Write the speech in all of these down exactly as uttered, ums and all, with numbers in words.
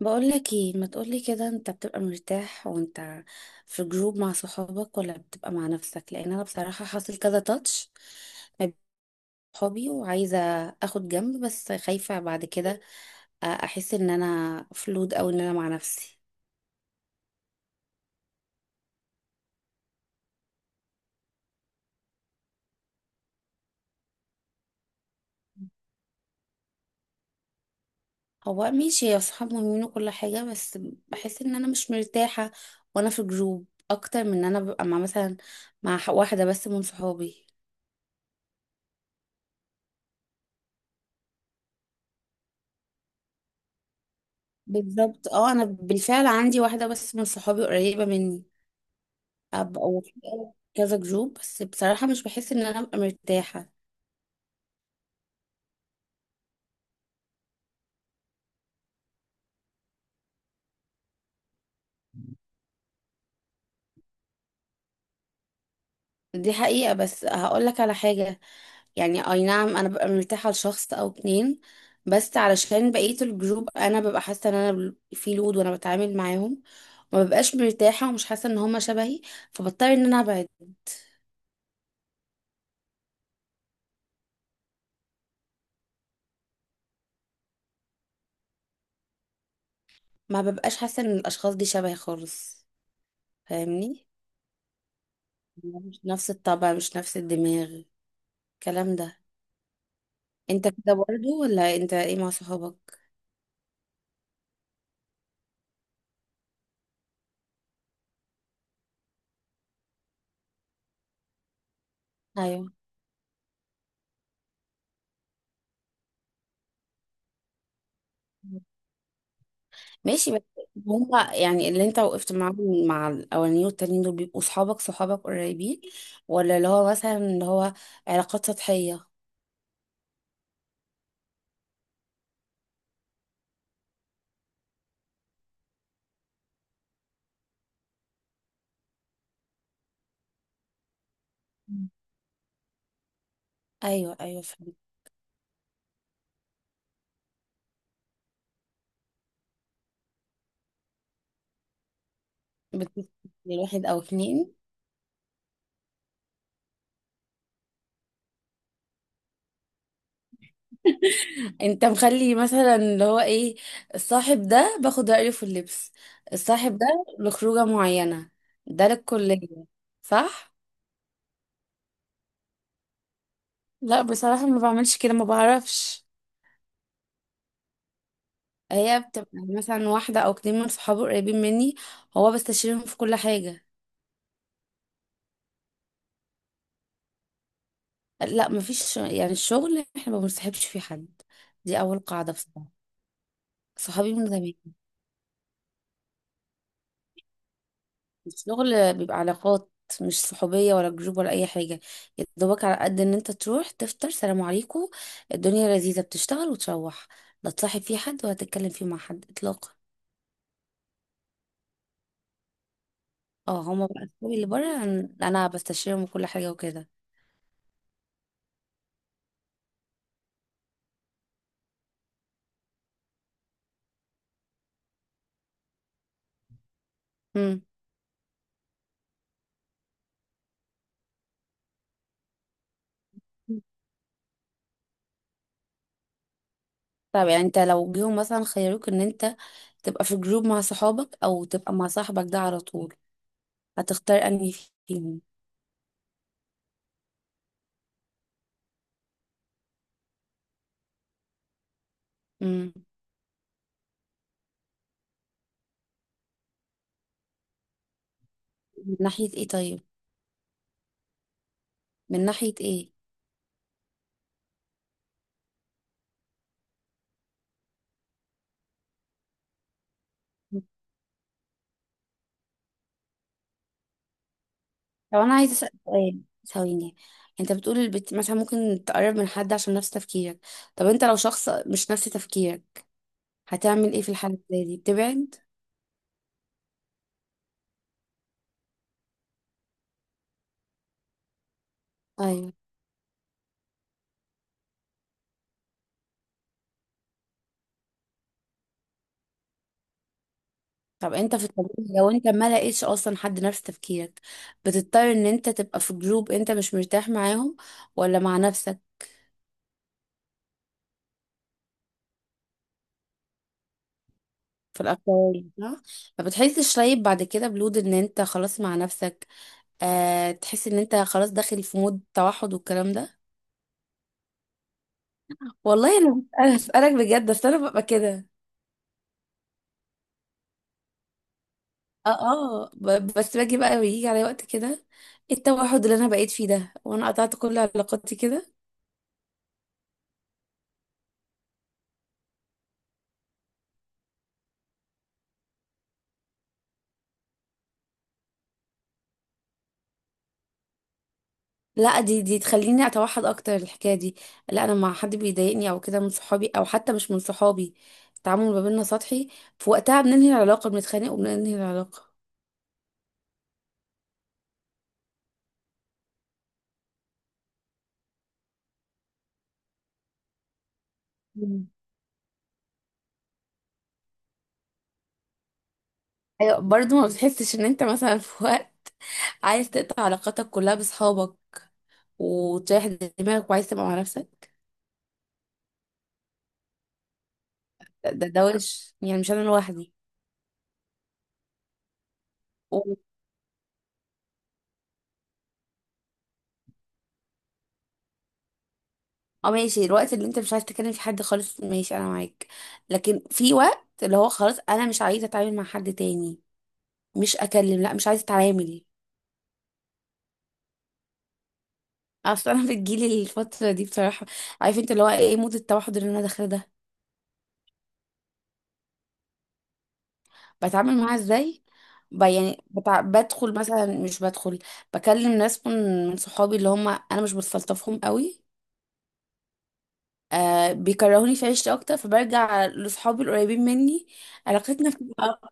بقولك ايه، ما تقولي كده. انت بتبقى مرتاح وانت في جروب مع صحابك، ولا بتبقى مع نفسك؟ لان انا بصراحة حاصل كذا تاتش ما بين صحابي، وعايزة اخد جنب، بس خايفة بعد كده احس ان انا فلود، او ان انا مع نفسي. هو ماشي يا صحاب مهمين وكل حاجة، بس بحس ان انا مش مرتاحة وانا في جروب، اكتر من ان انا ببقى مع مثلا مع ح- واحدة بس من صحابي. بالظبط، اه، انا بالفعل عندي واحدة بس من صحابي قريبة مني، ابقى وفي كذا جروب، بس بصراحة مش بحس ان انا ابقى مرتاحة. دي حقيقة، بس هقول لك على حاجة، يعني اي نعم انا ببقى مرتاحة لشخص او اتنين، بس علشان بقية الجروب انا ببقى حاسة ان انا في لود وانا بتعامل معاهم، ما ببقاش مرتاحة ومش حاسة ان هما شبهي، فبضطر ان انا ابعد. ما ببقاش حاسة ان الاشخاص دي شبهي خالص، فاهمني؟ مش نفس الطبع، مش نفس الدماغ، الكلام ده. انت كده برضو، ولا انت ايه مع صحابك؟ ايوه، ماشي، بس هما يعني اللي انت وقفت معاهم مع الاولانيين والتانيين، دول بيبقوا صحابك صحابك قريبين، ولا اللي هو مثلا اللي هو علاقات سطحية؟ مم. ايوه ايوه، فهمت. بتبقى واحد او اتنين. انت مخلي مثلا اللي هو ايه، الصاحب ده باخد رأيه في اللبس، الصاحب ده لخروجة معينة، ده للكلية، صح؟ لا بصراحة ما بعملش كده، ما بعرفش. هي بتبقى مثلا واحدة أو اتنين من صحابه قريبين مني، هو بستشيرهم في كل حاجة. لا مفيش، يعني الشغل احنا ما بنصاحبش فيه حد، دي اول قاعدة بصراحة. صحابي من زمان. الشغل بيبقى علاقات، مش صحوبية ولا جروب ولا أي حاجة. يا دوبك على قد إن أنت تروح تفطر، سلام عليكم، الدنيا لذيذة، بتشتغل وتروح، لا تصاحب فيه حد، ولا تتكلم فيه مع حد إطلاقا. اه، هما بقى صحابي اللي بره أنا، أنا بستشيرهم وكل حاجة وكده. مم. طب يعني أنت لو جيهم مثلا خيروك إن أنت تبقى في جروب مع صحابك، أو تبقى مع صاحبك ده على طول، هتختار أنهي فيهم؟ امم، من ناحية ايه طيب؟ من ناحية ايه؟ طب انا عايزة اسأل سؤال، ثواني. انت بتقول البت... مثلا ممكن تقرب من حد عشان نفس تفكيرك. طب انت لو شخص مش نفس تفكيرك، هتعمل ايه في الحالة اللي زي دي؟ بتبعد؟ ايوه. طب انت في الطبيعي، لو انت ما لقيتش اصلا حد نفس تفكيرك، بتضطر ان انت تبقى في جروب انت مش مرتاح معاهم، ولا مع نفسك؟ في الاكتر؟ صح. ما بتحسش طيب بعد كده بلود ان انت خلاص مع نفسك؟ آه، تحس ان انت خلاص داخل في مود توحد والكلام ده. والله انا، انا اسالك بجد، بس انا ببقى كده. اه اه، ب- بس باجي بقى بيجي على وقت كده، إيه التوحد اللي انا بقيت فيه ده وانا قطعت كل علاقاتي كده. لا دي دي تخليني اتوحد اكتر، الحكايه دي. لا، انا مع حد بيضايقني او كده من صحابي، او حتى مش من صحابي، التعامل ما بيننا سطحي، في وقتها بننهي العلاقه، بنتخانق وبننهي العلاقه. مم. ايوه، برضه ما بتحسش ان انت مثلا في وقت عايز تقطع علاقاتك كلها بصحابك، وتريح دماغك، وعايز تبقى مع نفسك؟ ده ده وش، يعني مش انا لوحدي؟ و- اه، ماشي، الوقت اللي انت مش عايز تكلم فيه حد خالص ماشي، انا معاك، لكن في وقت اللي هو خلاص انا مش عايزه اتعامل مع حد تاني، مش اكلم، لا مش عايزه اتعامل. اصل انا بتجيلي الفتره دي بصراحه، عارف انت اللي هو ايه، مود التوحد اللي انا داخله ده. بتعامل معاها ازاي؟ ب- يعني بتع... بدخل مثلا، مش بدخل، بكلم ناس من من صحابي اللي هم انا مش بستلطفهم قوي، آه، بيكرهوني في عيشتي اكتر، فبرجع لاصحابي القريبين مني، علاقتنا بتبقى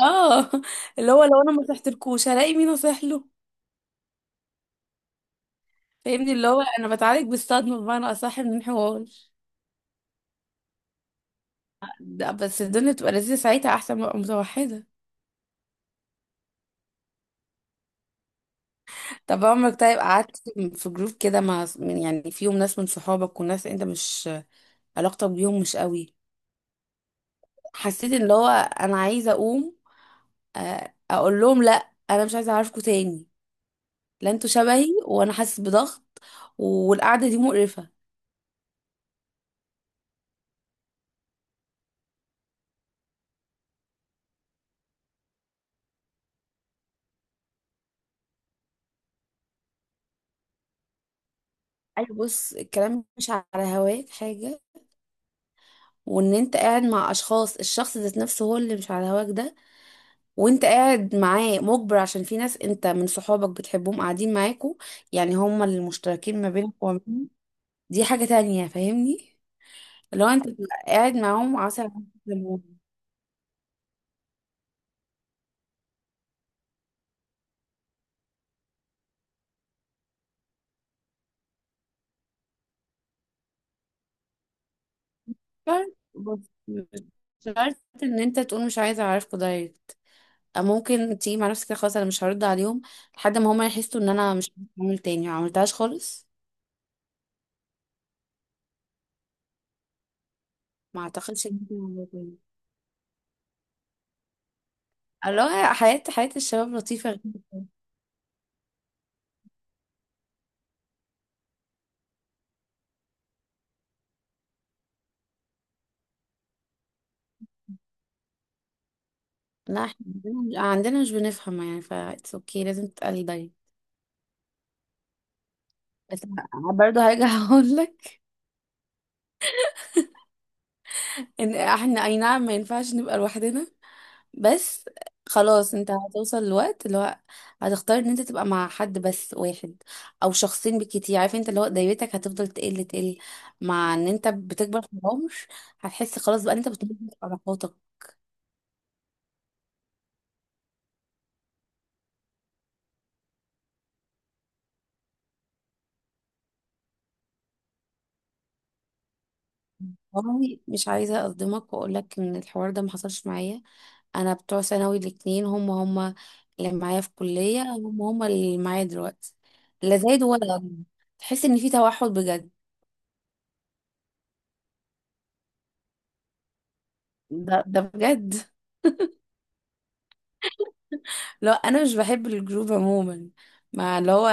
اه، اللي هو لو انا ما صحتلكوش هلاقي مين اصح له، فاهمني؟ اللي هو انا بتعالج بالصدمه، بمعنى اصح من الحوار. لا بس الدنيا بتبقى لذيذه ساعتها، احسن ما ابقى متوحده. طب عمرك طيب قعدت في جروب كده مع من، يعني فيهم ناس من صحابك وناس انت مش علاقتك بيهم مش قوي، حسيت ان اللي هو انا عايزه اقوم آه، اقول لهم لا انا مش عايزه اعرفكوا تاني، لا انتوا شبهي، وانا حاسس بضغط، والقعده دي مقرفه؟ اي بص، الكلام مش على هواك حاجه، وان انت قاعد مع اشخاص، الشخص ذات نفسه هو اللي مش على هواك ده، وانت قاعد معاه مجبر عشان في ناس انت من صحابك بتحبهم قاعدين معاكوا، يعني هما اللي مشتركين ما بينك وبينهم، دي حاجه تانية، فاهمني؟ لو انت بتبقى قاعد معاهم عسل. عسل بس مش شرط ان انت تقول مش عايزه اعرفكوا دايركت، ممكن تيجي مع نفسك كده خلاص انا مش هرد عليهم، لحد ما هما يحسوا ان انا مش بعمل تاني، ما عملتهاش خالص، ما اعتقدش إن أنا هعملها تاني. الله، حياة حياة الشباب لطيفة جدا. لا احنا عندنا عندنا مش بنفهم، يعني ف اتس اوكي، لازم تتقلي دايما. بس برضه هرجع اقول لك ان احنا اي نعم ما ينفعش نبقى لوحدنا، بس خلاص انت هتوصل لوقت اللي هو هتختار ان انت تبقى مع حد بس واحد، او شخصين بالكتير، عارف انت اللي هو دايرتك هتفضل تقل تقل مع ان انت بتكبر في العمر، هتحس خلاص بقى ان انت بتنضج في علاقاتك. والله مش عايزه اصدمك واقول لك ان الحوار ده ما حصلش معايا، انا بتوع ثانوي الاتنين هم هم اللي معايا في الكليه، هم هم اللي معايا دلوقتي، لا زايد ولا قل. تحس ان في توحد بجد. ده ده بجد. لا انا مش بحب الجروب عموما، مع اللي هو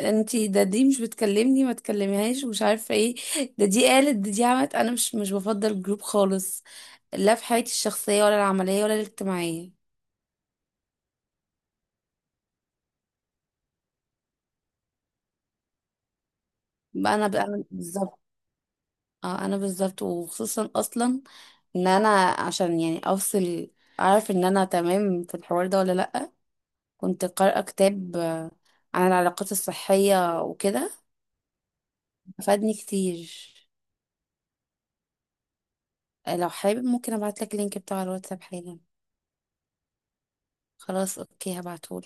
انتي ده دي مش بتكلمني ما تكلميهاش ومش عارفه ايه، ده دي قالت ده دي عملت، انا مش مش بفضل الجروب خالص، لا في حياتي الشخصيه ولا العمليه ولا الاجتماعيه. بقى انا، بقى أنا بالظبط. اه انا بالظبط، وخصوصا اصلا ان انا عشان يعني افصل، اعرف ان انا تمام في الحوار ده ولا لا، كنت قارئه كتاب آه، عن العلاقات الصحيه وكده، فادني كتير. لو حابب ممكن ابعت لك اللينك بتاع الواتساب حالا. خلاص اوكي، هبعته.